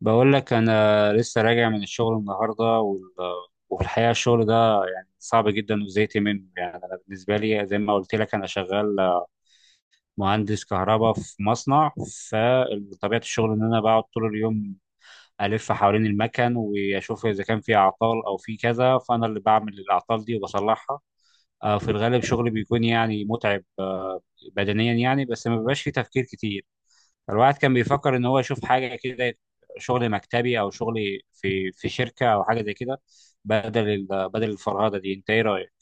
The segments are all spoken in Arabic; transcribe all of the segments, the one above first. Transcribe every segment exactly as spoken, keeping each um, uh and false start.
بقول لك انا لسه راجع من الشغل النهارده وال... وفي الحقيقه الشغل ده صعب جدا وزهقت منه. يعني انا بالنسبه لي زي ما قلت لك انا شغال مهندس كهرباء في مصنع. فطبيعه الشغل ان انا بقعد طول اليوم الف حوالين المكن واشوف اذا كان في اعطال او في كذا، فانا اللي بعمل الاعطال دي وبصلحها. آه، في الغالب شغلي بيكون يعني متعب آه، بدنيا يعني، بس ما بيبقاش فيه تفكير كتير. الواحد كان بيفكر ان هو يشوف حاجه كده، شغل مكتبي او شغل في في شركه او حاجه زي كده، بدل ال- بدل الفرهده دي. انت ايه رايك؟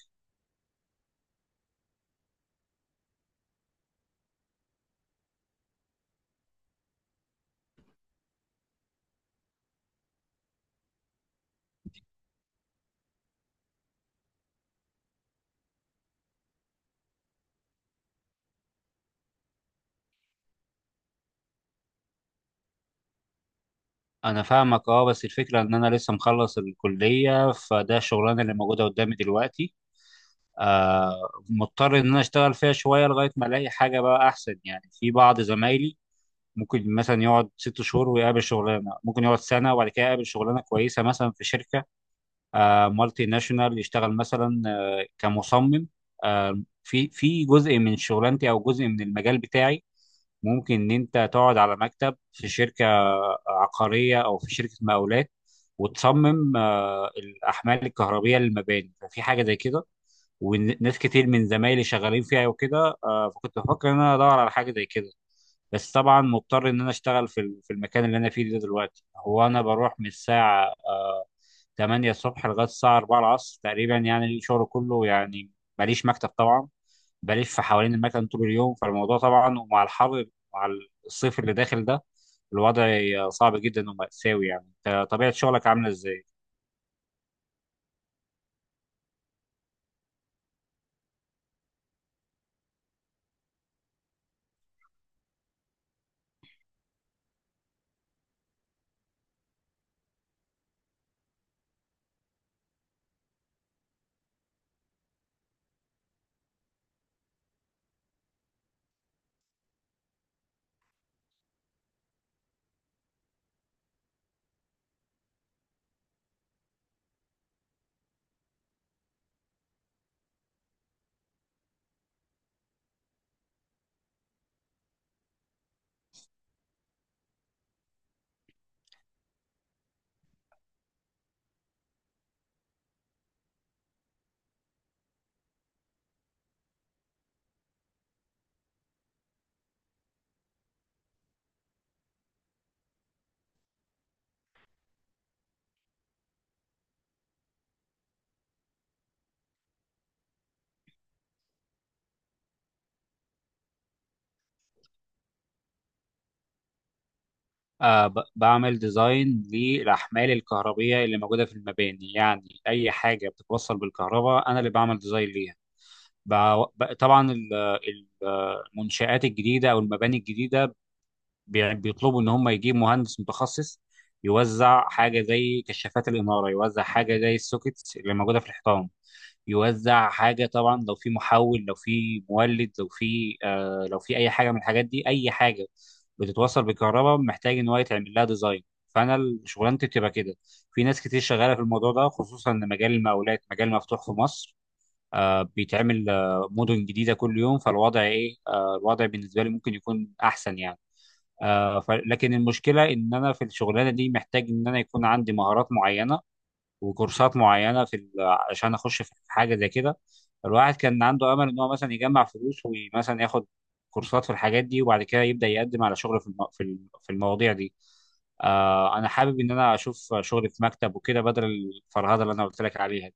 انا فاهمك اه، بس الفكره ان انا لسه مخلص الكليه، فده الشغلانه اللي موجوده قدامي دلوقتي. آه، مضطر ان انا اشتغل فيها شويه لغايه ما الاقي حاجه بقى احسن. يعني في بعض زمايلي ممكن مثلا يقعد ست شهور ويقابل شغلانه، ممكن يقعد سنه وبعد كده يقابل شغلانه كويسه مثلا في شركه آه، مالتي ناشونال، يشتغل مثلا آه، كمصمم. آه، في في جزء من شغلانتي او جزء من المجال بتاعي ممكن ان انت تقعد على مكتب في شركه عقاريه او في شركه مقاولات وتصمم آه، الاحمال الكهربيه للمباني. ففي حاجه زي كده وناس كتير من زمايلي شغالين فيها وكده آه، فكنت بفكر ان انا ادور على حاجه زي كده. بس طبعا مضطر ان انا اشتغل في ال- في المكان اللي انا فيه ده دلوقتي. هو انا بروح من الساعه آه، ثمانية الصبح لغايه الساعه أربعة العصر تقريبا. يعني الشغل كله يعني ماليش مكتب طبعا، بلف حوالين المكان طول اليوم. فالموضوع طبعا ومع الحر، مع الصيف اللي داخل ده، الوضع صعب جدا ومأساوي. يعني أنت طبيعه شغلك عامله ازاي؟ آه، ب- بعمل ديزاين للأحمال الكهربية اللي موجودة في المباني. يعني أي حاجة بتتوصل بالكهرباء أنا اللي بعمل ديزاين ليها. بع- ب- طبعا ال- ال- المنشآت الجديدة أو المباني الجديدة بي- بيطلبوا ان هم يجيبوا مهندس متخصص يوزع حاجه زي كشافات الاناره، يوزع حاجه زي السوكيتس اللي موجوده في الحيطان، يوزع حاجه طبعا لو في محول، لو في مولد، لو في آه، لو في اي حاجه من الحاجات دي. اي حاجه بتتوصل بالكهرباء محتاج ان هو يتعمل لها ديزاين. فانا ال- شغلانتي بتبقى كده. في ناس كتير شغاله في الموضوع ده، خصوصا ان مجال المقاولات مجال مفتوح في مصر. آه، بيتعمل آه، مدن جديده كل يوم. فالوضع ايه آه، الوضع بالنسبه لي ممكن يكون احسن يعني. آه، ف- لكن المشكله ان انا في الشغلانه دي محتاج ان انا يكون عندي مهارات معينه وكورسات معينه في ال- عشان اخش في حاجه زي كده. الواحد كان عنده امل ان هو مثلا يجمع فلوس ومثلا ياخد كورسات في الحاجات دي، وبعد كده يبدا يقدم على شغل في الم- في الم- في المواضيع دي. آه، انا حابب ان انا اشوف شغل في مكتب وكده بدل الفرهده اللي انا قلت لك عليها دي.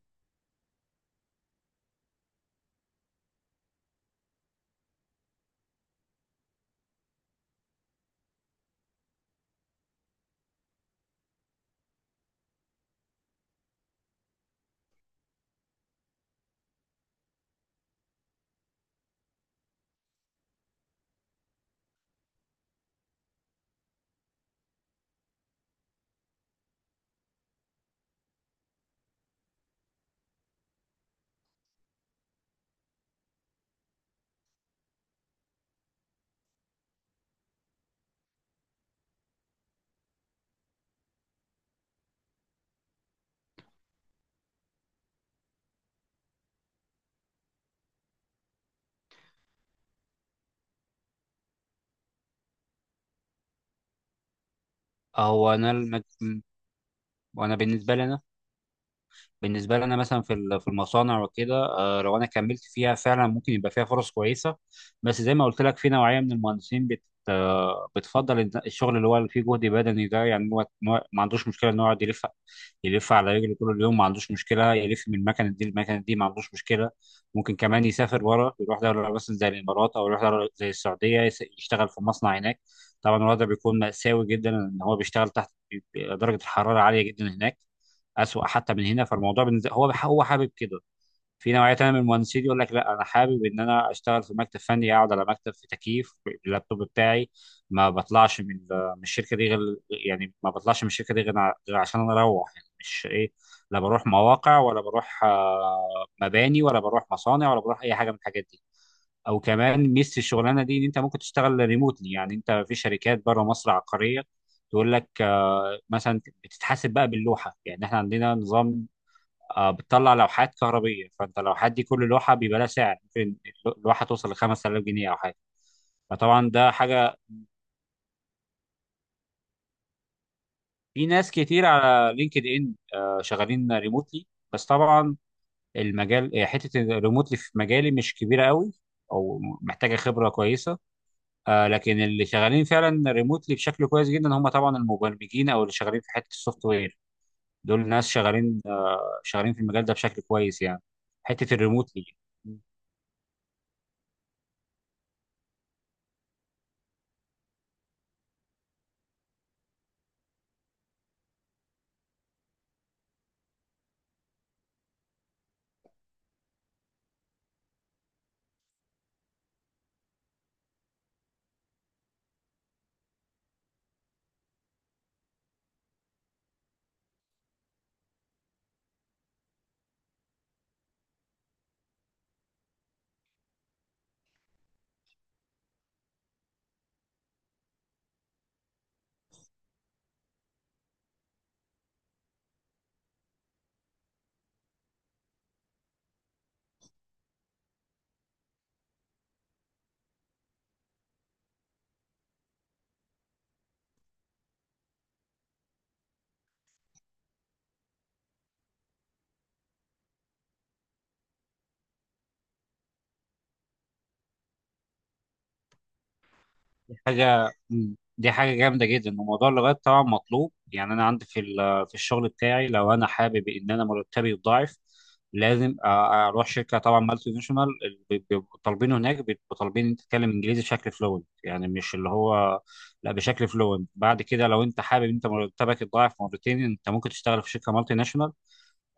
هو انا المج... وانا بالنسبه لي انا بالنسبه لي انا مثلا في ال- في المصانع وكده آه، لو انا كملت فيها فعلا ممكن يبقى فيها فرص كويسه. بس زي ما قلت لك في نوعيه من المهندسين بت آه، بتفضل الد- الشغل اللي هو اللي فيه جهد بدني ده. يعني هو إن هو ما عندوش مشكله ان هو يقعد يلف يلف على رجله طول اليوم، ما عندوش مشكله يلف من المكنه دي للمكنه دي، ما عندوش مشكله. ممكن كمان يسافر بره، يروح دوله مثلا زي الامارات او يروح دوله زي السعوديه، يس- يشتغل في مصنع هناك. طبعا الوضع بيكون مأساوي جدا ان هو بيشتغل تحت، بيبقى درجه الحراره عاليه جدا هناك، اسوأ حتى من هنا. فالموضوع بالنسبه هو هو حابب كده. في نوعيه تانيه من المهندسين يقول لك لا انا حابب ان انا اشتغل في مكتب فني، اقعد على مكتب في تكييف، اللابتوب بتاعي، ما بطلعش من من الشركه دي غير، يعني ما بطلعش من الشركه دي غير ع- غير عشان انا اروح. يعني مش ايه، لا بروح مواقع ولا بروح آه، مباني ولا بروح مصانع ولا بروح اي حاجه من الحاجات دي. او كمان ميزه الشغلانه دي ان انت ممكن تشتغل ريموتلي. يعني انت في شركات بره مصر عقاريه تقول لك آه، مثلا بتتحاسب بقى باللوحه. يعني احنا عندنا نظام آه، بتطلع لوحات كهربيه، فانت اللوحات دي كل لوحه بيبقى لها سعر، ممكن اللوحه توصل ل خمسة آلاف جنيه او حاجه. فطبعا ده حاجه، في ناس كتير على لينكد ان آه، شغالين ريموتلي. بس طبعا المجال، حته الريموتلي في مجالي مش كبيره قوي، او محتاجه خبره كويسه. آه، لكن اللي شغالين فعلا ريموتلي بشكل كويس جدا هم طبعا المبرمجين او اللي شغالين في حته السوفت وير. دول ناس شغالين آه، شغالين في المجال ده بشكل كويس يعني، حته الريموتلي. دي حاجة مم. دي حاجة جامدة جدا. وموضوع اللغات طبعا مطلوب. يعني أنا عندي في ال- في الشغل بتاعي لو أنا حابب إن أنا مرتبي يتضاعف لازم أ- أروح شركة طبعا مالتي ناشونال اللي بي- بيبقوا طالبينه. هناك بيبقوا طالبين إن أنت تتكلم إنجليزي بشكل فلوينت. يعني مش اللي هو لا، بشكل فلوينت. بعد كده لو أنت حابب إن أنت مرتبك يتضاعف مرتين، أنت ممكن تشتغل في شركة مالتي ناشونال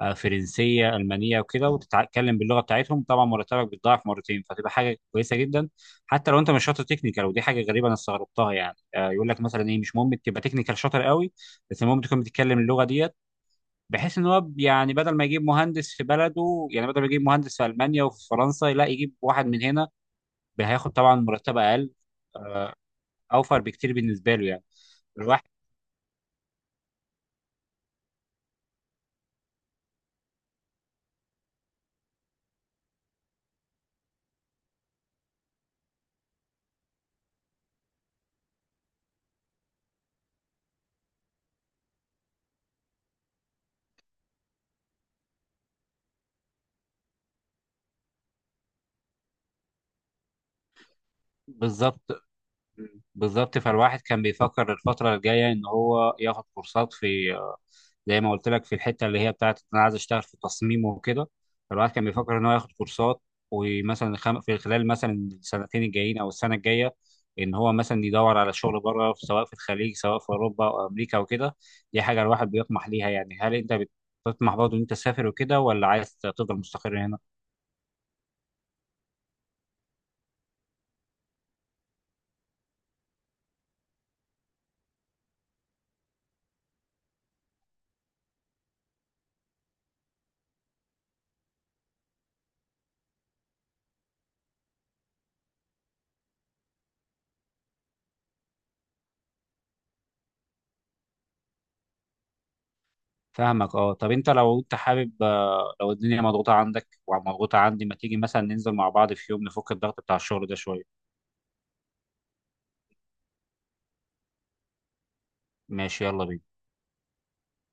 آه، فرنسيه، المانيه وكده، وتتكلم باللغه بتاعتهم، طبعا مرتبك بيتضاعف مرتين، فتبقى حاجه كويسه جدا حتى لو انت مش شاطر تكنيكال. ودي حاجه غريبه انا استغربتها يعني، آه، يقول لك مثلا ايه مش مهم تبقى تكنيكال شاطر قوي، بس المهم تكون بتتكلم اللغه ديت، بحيث ان هو يعني بدل ما يجيب مهندس في بلده، يعني بدل ما يجيب مهندس في المانيا وفي فرنسا، لا يجيب واحد من هنا، هياخد طبعا مرتب اقل، اوفر بكتير بالنسبه له يعني. الواحد بالظبط، بالظبط، فالواحد كان بيفكر الفترة الجاية إن هو ياخد كورسات في، زي ما قلت لك في الحته اللي هي بتاعت إن انا عايز اشتغل في التصميم وكده. فالواحد كان بيفكر ان هو ياخد كورسات ومثلا خم... في خلال مثلا السنتين الجايين او السنه الجايه ان هو مثلا يدور على شغل بره، سواء في الخليج سواء في اوروبا او امريكا وكده. دي حاجه الواحد بيطمح ليها. يعني هل انت بتطمح برضه ان انت تسافر وكده، ولا عايز تفضل مستقر هنا؟ فاهمك اه، طب انت لو انت حابب آه، لو الدنيا مضغوطه عندك ومضغوطه عندي، ما تيجي مثلا ننزل مع بعض في يوم نفك الضغط بتاع الشغل ده شويه؟ ماشي، يلا بينا.